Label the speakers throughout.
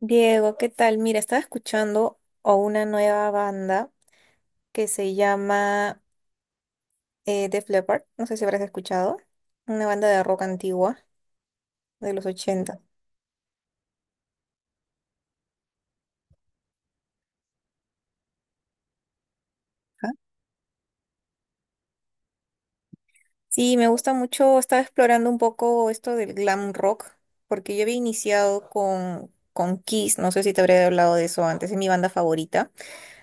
Speaker 1: Diego, ¿qué tal? Mira, estaba escuchando a una nueva banda que se llama Def Leppard. No sé si habrás escuchado. Una banda de rock antigua de los 80. Ajá. Sí, me gusta mucho. Estaba explorando un poco esto del glam rock, porque yo había iniciado con Kiss. No sé si te habré hablado de eso antes. Es mi banda favorita.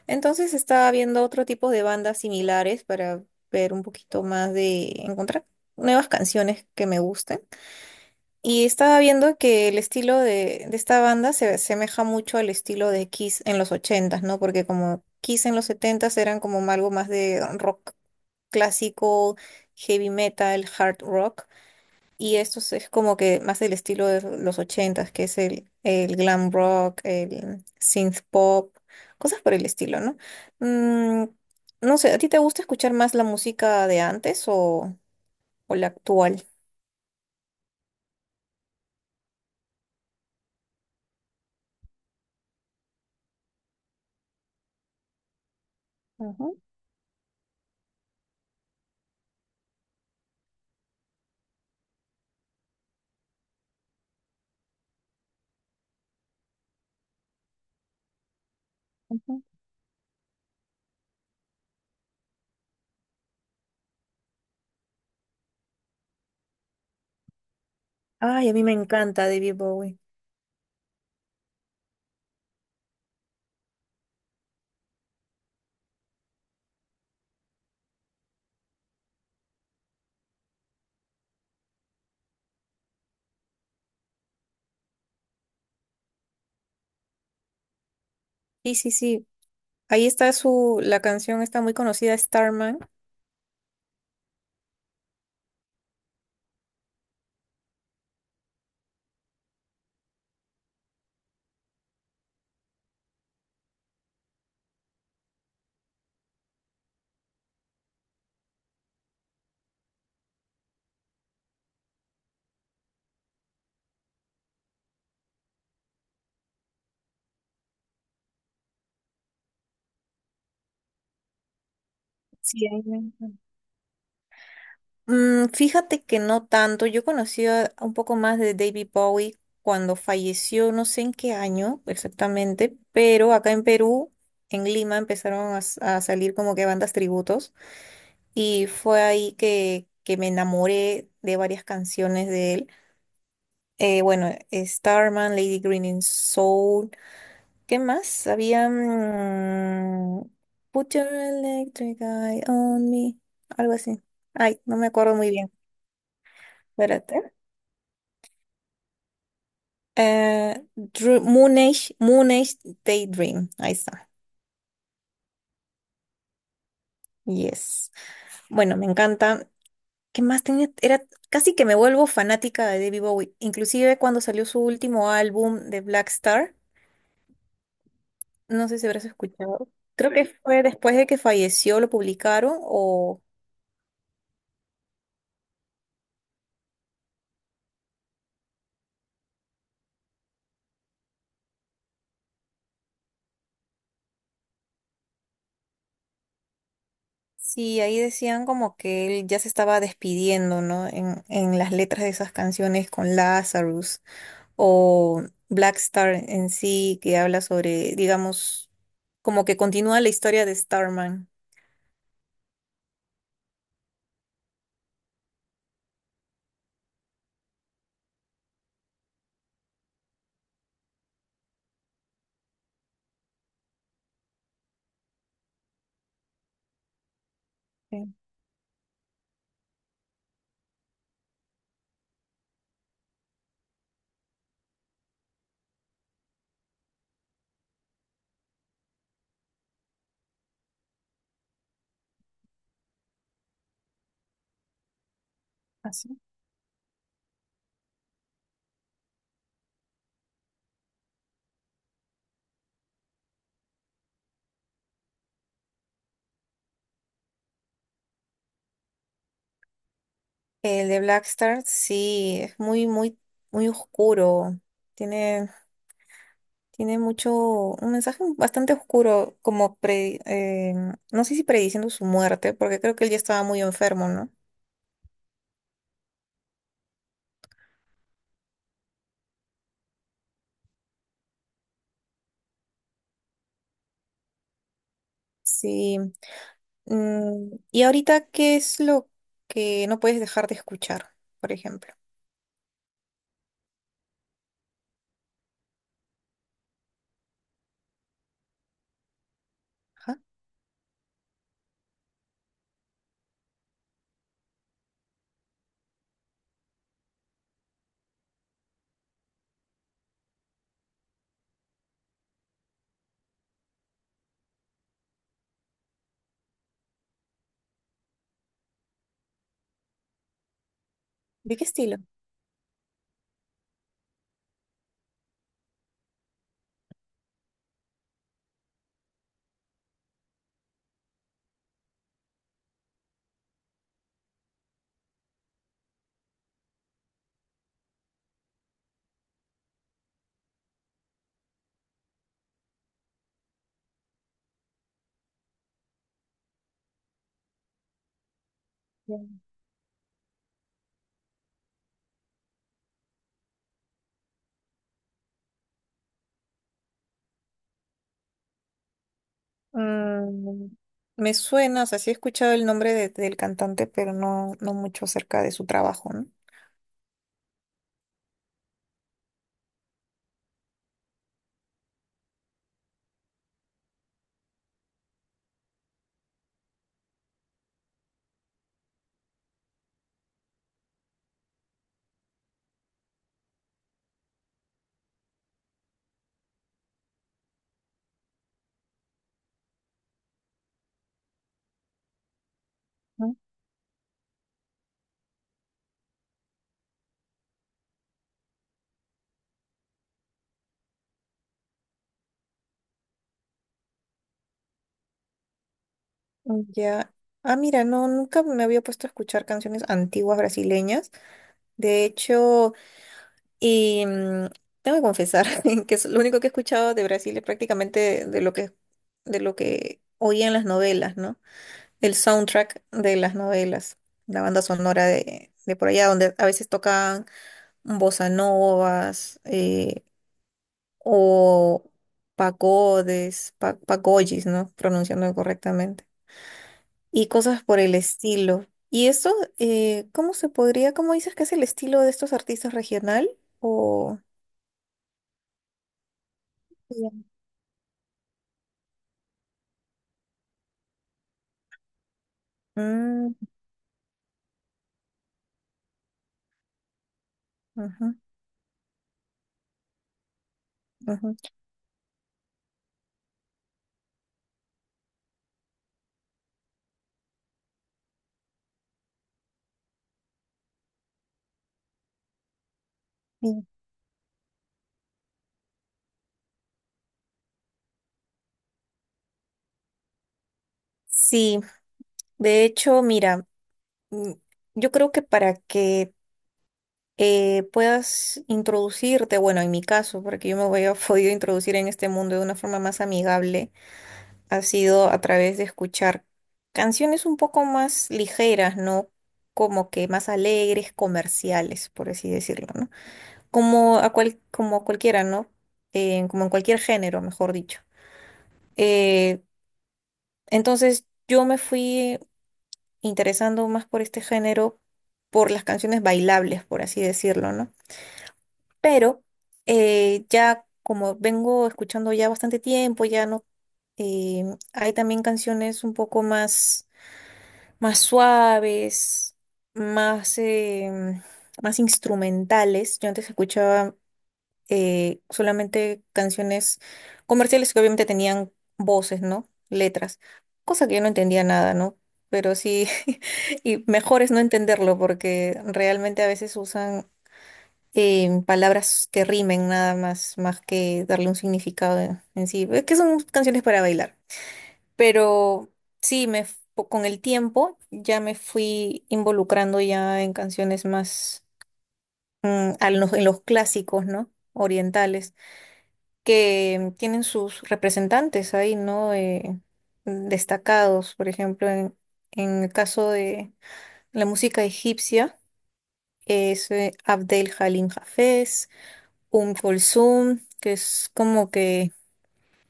Speaker 1: Entonces estaba viendo otro tipo de bandas similares para ver un poquito más de encontrar nuevas canciones que me gusten. Y estaba viendo que el estilo de esta banda se asemeja mucho al estilo de Kiss en los 80s, ¿no? Porque como Kiss en los 70s eran como algo más de rock clásico, heavy metal, hard rock, y esto es como que más del estilo de los 80s, que es el glam rock, el synth pop, cosas por el estilo, ¿no? Mm, no sé, ¿a ti te gusta escuchar más la música de antes o la actual? Ujú, ujú. Ay, a mí me encanta David Bowie. Sí, sí, sí. Ahí está la canción está muy conocida, Starman. Sí, ahí me encanta. Fíjate que no tanto. Yo conocí a un poco más de David Bowie cuando falleció, no sé en qué año exactamente, pero acá en Perú, en Lima, empezaron a salir como que bandas tributos y fue ahí que me enamoré de varias canciones de él. Bueno, Starman, Lady Green in Soul. ¿Qué más? Había. Put your electric eye on me. Algo así. Ay, no me acuerdo muy bien. Espérate. Moon Age Daydream. Ahí está. Yes. Bueno, me encanta. ¿Qué más tenía? Era casi que me vuelvo fanática de David Bowie. Inclusive cuando salió su último álbum de Black Star. No sé si habrás escuchado. Creo que fue después de que falleció, lo publicaron o. Sí, ahí decían como que él ya se estaba despidiendo, ¿no? En las letras de esas canciones con Lazarus o Black Star en sí, que habla sobre, digamos, como que continúa la historia de Starman. Sí, así. El de Black Star, sí, es muy, muy, muy oscuro. Tiene, tiene mucho, un mensaje bastante oscuro, como no sé si prediciendo su muerte, porque creo que él ya estaba muy enfermo, ¿no? Sí. ¿Y ahorita qué es lo que no puedes dejar de escuchar, por ejemplo? Ajá. ¿De qué estilo? Ya. Mm, Me suena, o sea, sí he escuchado el nombre del cantante, pero no, no mucho acerca de su trabajo, ¿no? Ujú. Ya. Ah, mira, no, nunca me había puesto a escuchar canciones antiguas brasileñas. De hecho, y, mm, tengo que confesar que es lo único que he escuchado de Brasil es prácticamente de lo que oía en las novelas, ¿no? Del soundtrack de las novelas, la banda sonora de por allá, donde a veces tocan bossa novas o pagodes, pagoyis, ¿no? Pronunciando correctamente. Y cosas por el estilo. ¿Y eso, cómo se podría, cómo dices que es el estilo de estos artistas regional? O. Ya. Mm, ujú, ujú. Sí, sí, de hecho, mira, mm, yo creo que para que puedas introducirte, bueno, en mi caso, porque yo me voy a podido introducir en este mundo de una forma más amigable, ha sido a través de escuchar canciones un poco más ligeras, ¿no? Como que más alegres, comerciales, por así decirlo, ¿no? Como como cualquiera, ¿no? Como en cualquier género, mejor dicho. Eh, entonces yo me fui interesando más por este género, por las canciones bailables, por así decirlo, ¿no? Pero ya como vengo escuchando ya bastante tiempo, ya no, eh, hay también canciones un poco más suaves, más, em, más instrumentales. Yo antes escuchaba solamente canciones comerciales que obviamente tenían voces, ¿no? Letras, cosa que yo no entendía nada, ¿no? Pero sí, y mejor es no entenderlo porque realmente a veces usan palabras que rimen nada más, más que darle un significado en sí. Es que son canciones para bailar. Pero sí, con el tiempo ya me fui involucrando ya en canciones más en los clásicos, ¿no? Orientales, que tienen sus representantes ahí, ¿no? Destacados, por ejemplo, en el caso de la música egipcia, es Abdel Halim Hafez. Un Kulsum, que es como que,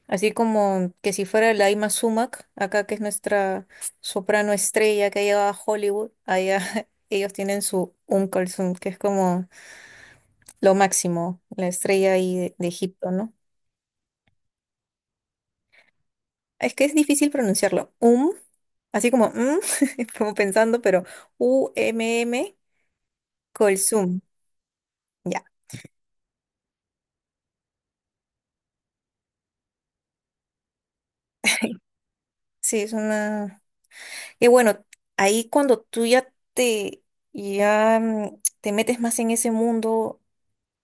Speaker 1: así como que si fuera la Ima Sumac, acá que es nuestra soprano estrella que ha llegado a Hollywood, allá ellos tienen su un Kulsum, que es como lo máximo, la estrella ahí de Egipto, ¿no? Es que es difícil pronunciarlo. Así como como pensando, pero Umm, Kulsum. Ya, sí, es una. Y bueno, ahí cuando tú ya te, ya te metes más en ese mundo,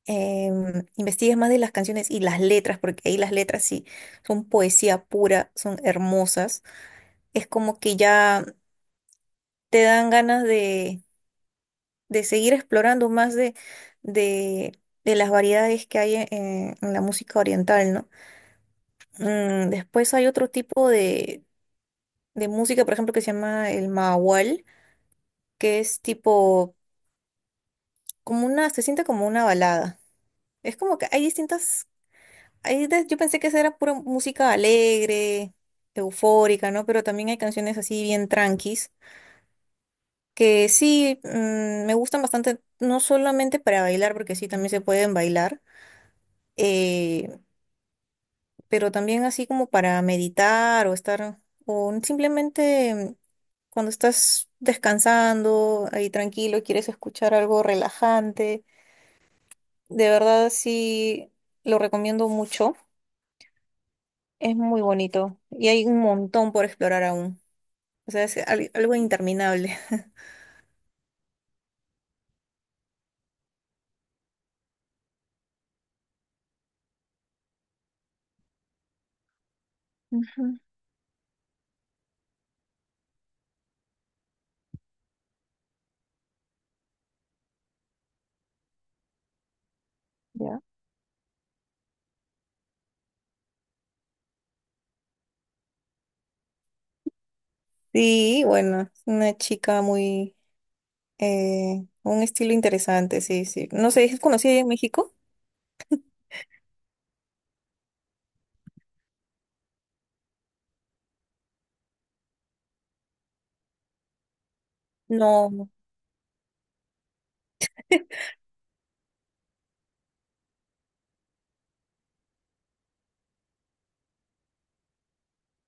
Speaker 1: investigas más de las canciones y las letras, porque ahí las letras sí son poesía pura, son hermosas, es como que ya te dan ganas de seguir explorando más de, de las variedades que hay en la música oriental, ¿no? Después hay otro tipo de música, por ejemplo, que se llama el mahual, que es tipo se siente como una balada. Es como que hay distintas, yo pensé que esa era pura música alegre, eufórica, ¿no? Pero también hay canciones así bien tranquis, que sí, me gustan bastante, no solamente para bailar, porque sí, también se pueden bailar, eh, pero también así como para meditar o estar, o simplemente cuando estás descansando, ahí tranquilo, y quieres escuchar algo relajante. De verdad, sí, lo recomiendo mucho. Es muy bonito y hay un montón por explorar aún. O sea, es algo interminable. Ujú, ya. Sí, bueno, es una chica un estilo interesante, sí, sí. No sé, ¿es conocida allá en México? No, no.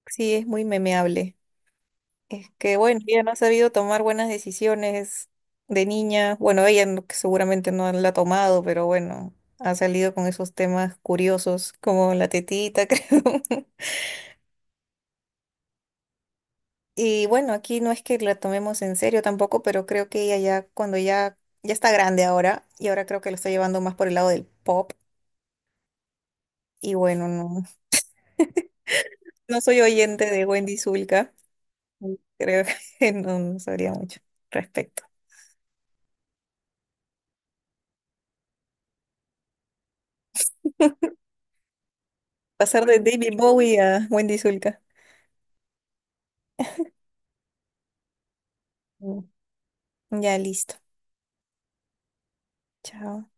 Speaker 1: Sí, es muy memeable. Es que, bueno, ella no ha sabido tomar buenas decisiones de niña. Bueno, ella no- que seguramente no la ha tomado, pero bueno, ha salido con esos temas curiosos como la tetita, creo. Y bueno, aquí no es que la tomemos en serio tampoco, pero creo que ella ya, cuando ya, ya está grande ahora, y ahora creo que lo está llevando más por el lado del pop. Y bueno, no, no soy oyente de Wendy Zulka. Creo que no, no sabría mucho respecto. Pasar de David Bowie a Wendy Zulka. Mm. Ya listo. Chao.